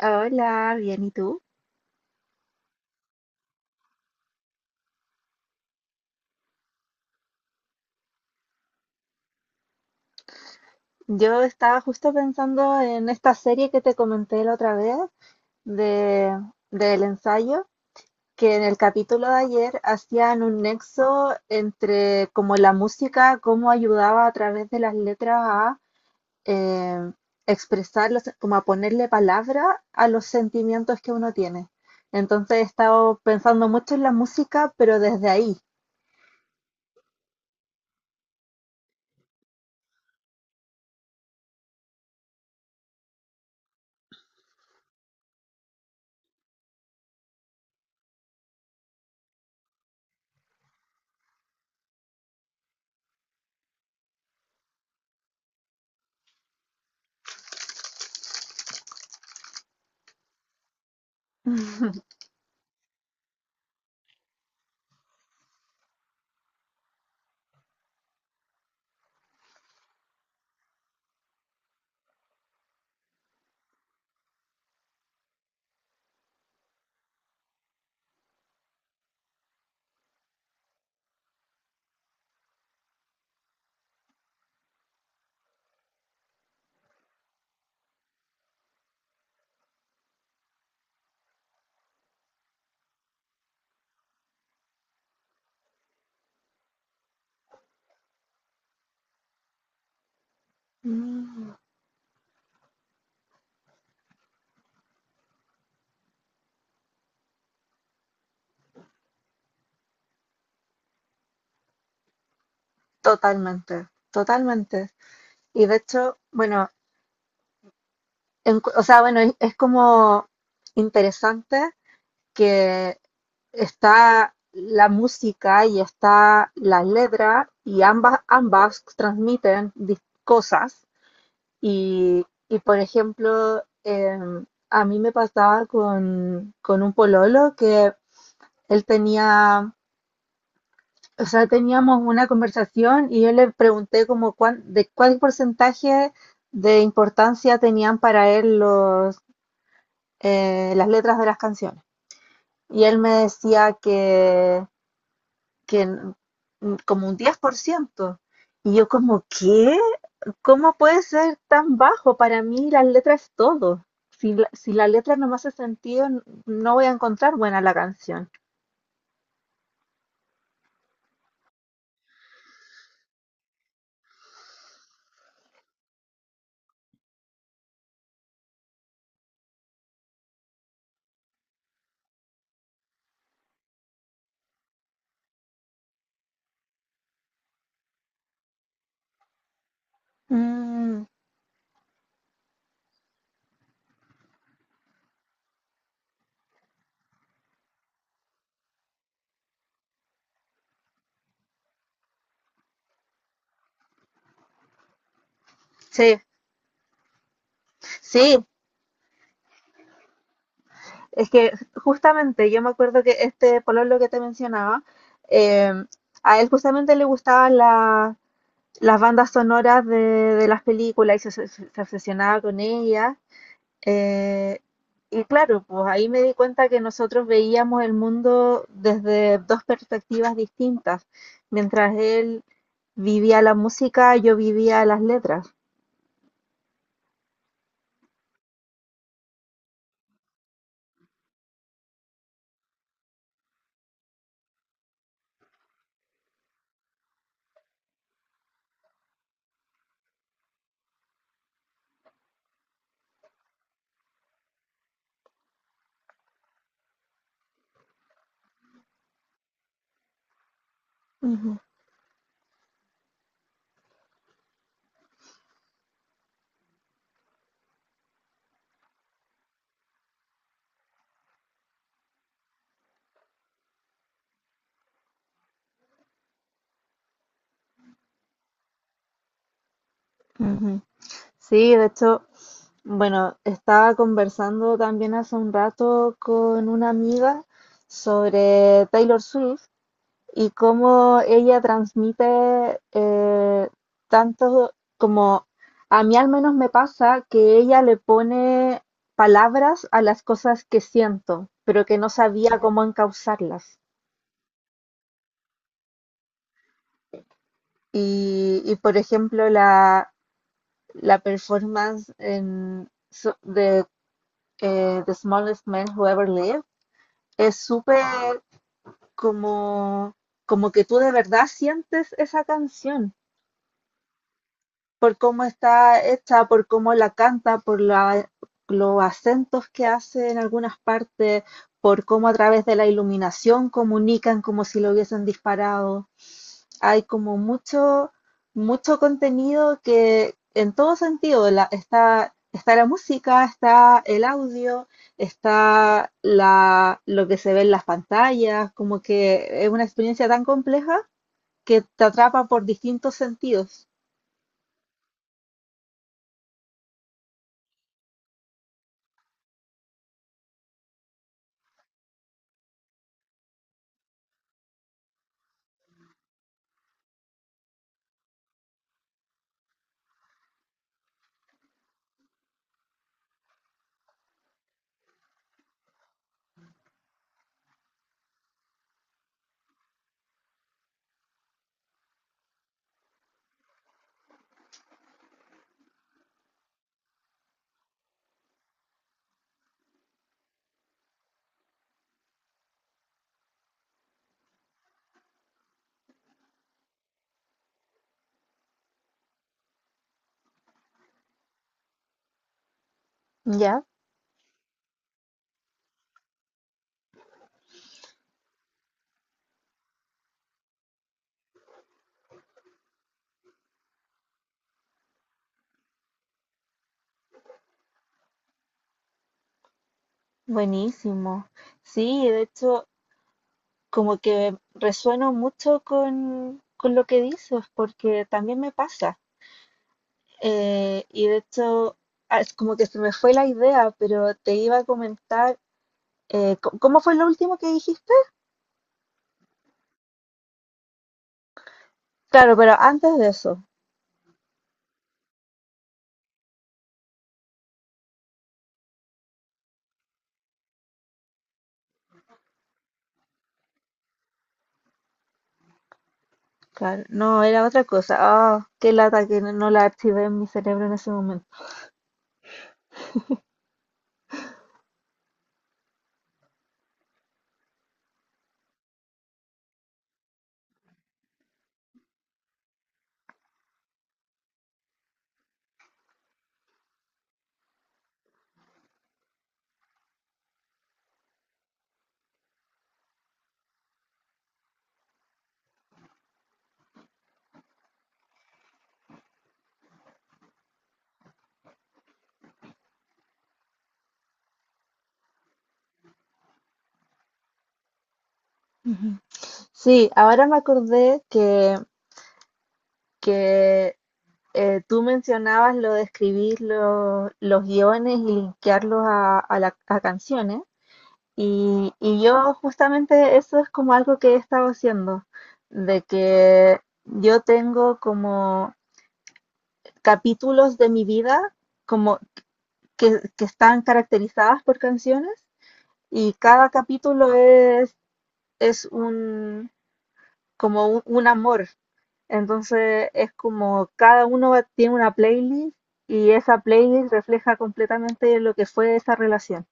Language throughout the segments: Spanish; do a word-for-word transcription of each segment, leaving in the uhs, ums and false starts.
Hola, bien, ¿y tú? Yo estaba justo pensando en esta serie que te comenté la otra vez de, del ensayo, que en el capítulo de ayer hacían un nexo entre como la música, cómo ayudaba a través de las letras a eh, expresar, como a ponerle palabra a los sentimientos que uno tiene. Entonces he estado pensando mucho en la música, pero desde ahí. Totalmente, totalmente. Y de hecho, bueno, en- o sea, bueno, es, es como interesante que está la música y está la letra y ambas, ambas transmiten dis- cosas. Y, y, por ejemplo, em, a mí me pasaba con, con un pololo que él tenía, o sea, teníamos una conversación y yo le pregunté como cuán- de cuál porcentaje de importancia tenían para él los eh, las letras de las canciones. Y él me decía que, que como un diez por ciento. Y yo como, ¿qué? ¿Cómo puede ser tan bajo? Para mí las letras es todo. Si la, si la letra no me hace sentido, no voy a encontrar buena la canción. Mm, sí, sí. Es que justamente yo me acuerdo que este pololo que te mencionaba, em, a él justamente le gustaban la, las bandas sonoras de, de las películas y se, se- se obsesionaba con ellas. eh, y claro, pues ahí me di cuenta que nosotros veíamos el mundo desde dos perspectivas distintas. Mientras él vivía la música, yo vivía las letras. Ujú. Ujú. Sí, de hecho, bueno, estaba conversando también hace un rato con una amiga sobre Taylor Swift y cómo ella transmite eh, tanto como a mí al menos me pasa que ella le pone palabras a las cosas que siento, pero que no sabía cómo encauzarlas. Y, y, por ejemplo, la, la performance en, so- de eh, The Smallest Man Who Ever Lived es súper como, como que tú de verdad sientes esa canción, por cómo está hecha, por cómo la canta, por la- los acentos que hace en algunas partes, por cómo a través de la iluminación comunican como si lo hubiesen disparado. Hay como mucho, mucho contenido que en todo sentido la- está, está la música, está el audio, está la, lo que se ve en las pantallas, como que es una experiencia tan compleja que te atrapa por distintos sentidos. ¿Ya? Buenísimo. Sí, de hecho, como que resueno mucho con, con lo que dices, porque también me pasa. Eh, y de hecho, ah, es como que se me fue la idea, pero te iba a comentar, eh, co- ¿cómo fue lo último que dijiste? Claro, pero antes de eso, claro, no, era otra cosa. Ah, qué lata que no no la activé en mi cerebro en ese momento. Ujú. Sí, ahora me acordé que, que Eh, tú mencionabas lo de escribir lo- los guiones y linkearlos a, a la- a canciones. Y, y yo justamente eso es como algo que he estado haciendo, de que yo tengo como capítulos de mi vida como que, que están caracterizadas por canciones y cada capítulo es, es un, como un un amor. Entonces es como cada uno va- tiene una playlist y esa playlist refleja completamente lo que fue esa relación.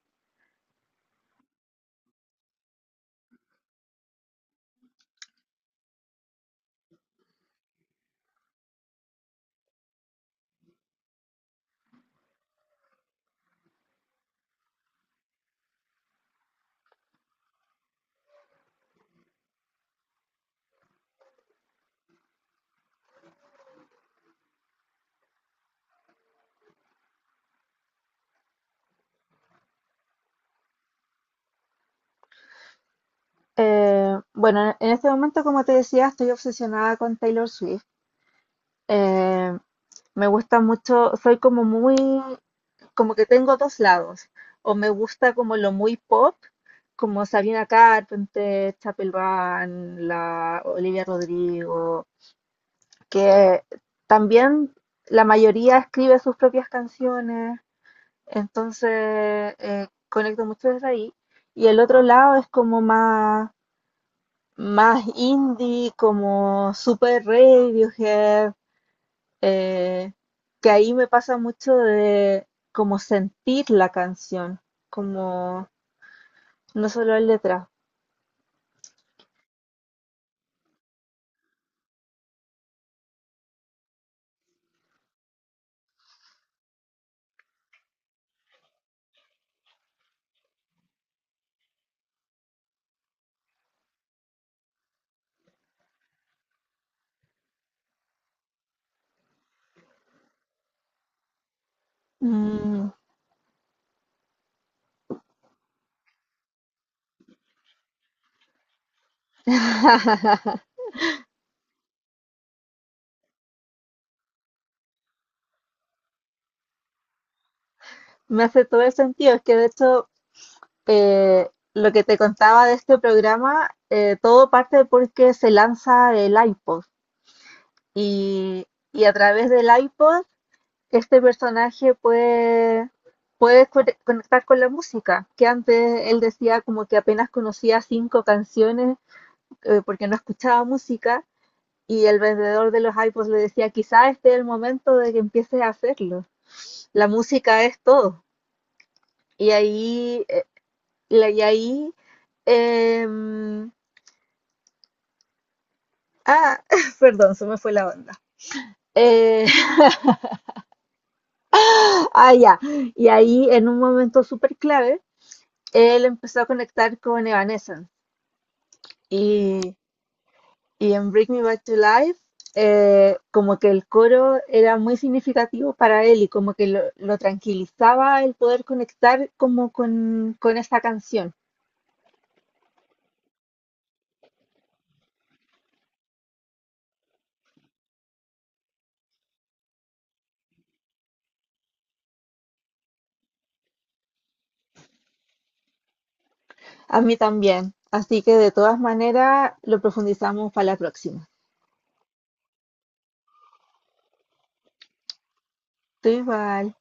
Eh, bueno, en este momento, como te decía, estoy obsesionada con Taylor Swift. Eh, me gusta mucho, soy como muy, como que tengo dos lados. O me gusta como lo muy pop, como Sabrina Carpenter, Chapel Van, la Olivia Rodrigo, que también la mayoría escribe sus propias canciones. Entonces, eh, conecto mucho desde ahí. Y el otro lado es como más, más indie, como super Radiohead, eh, que ahí me pasa mucho de como sentir la canción, como no solo la letra. Mm. Me hace todo el sentido, es que de hecho eh, lo que te contaba de este programa, eh, todo parte porque se lanza el iPod. Y, y a través del iPod, este personaje puede, puede co- conectar con la música, que antes él decía como que apenas conocía cinco canciones eh, porque no escuchaba música. Y el vendedor de los iPods le decía, quizá este es el momento de que empieces a hacerlo. La música es todo. Y ahí, eh, la- y ahí, em, ah, perdón, se me fue la onda. Eh, ah, ya. Y ahí, en un momento súper clave, él empezó a conectar con Evanescence y, y en Bring Me Back to Life eh, como que el coro era muy significativo para él y como que lo, lo tranquilizaba el poder conectar como con, con esta canción. A mí también. Así que de todas maneras lo profundizamos para la próxima. Tú igual.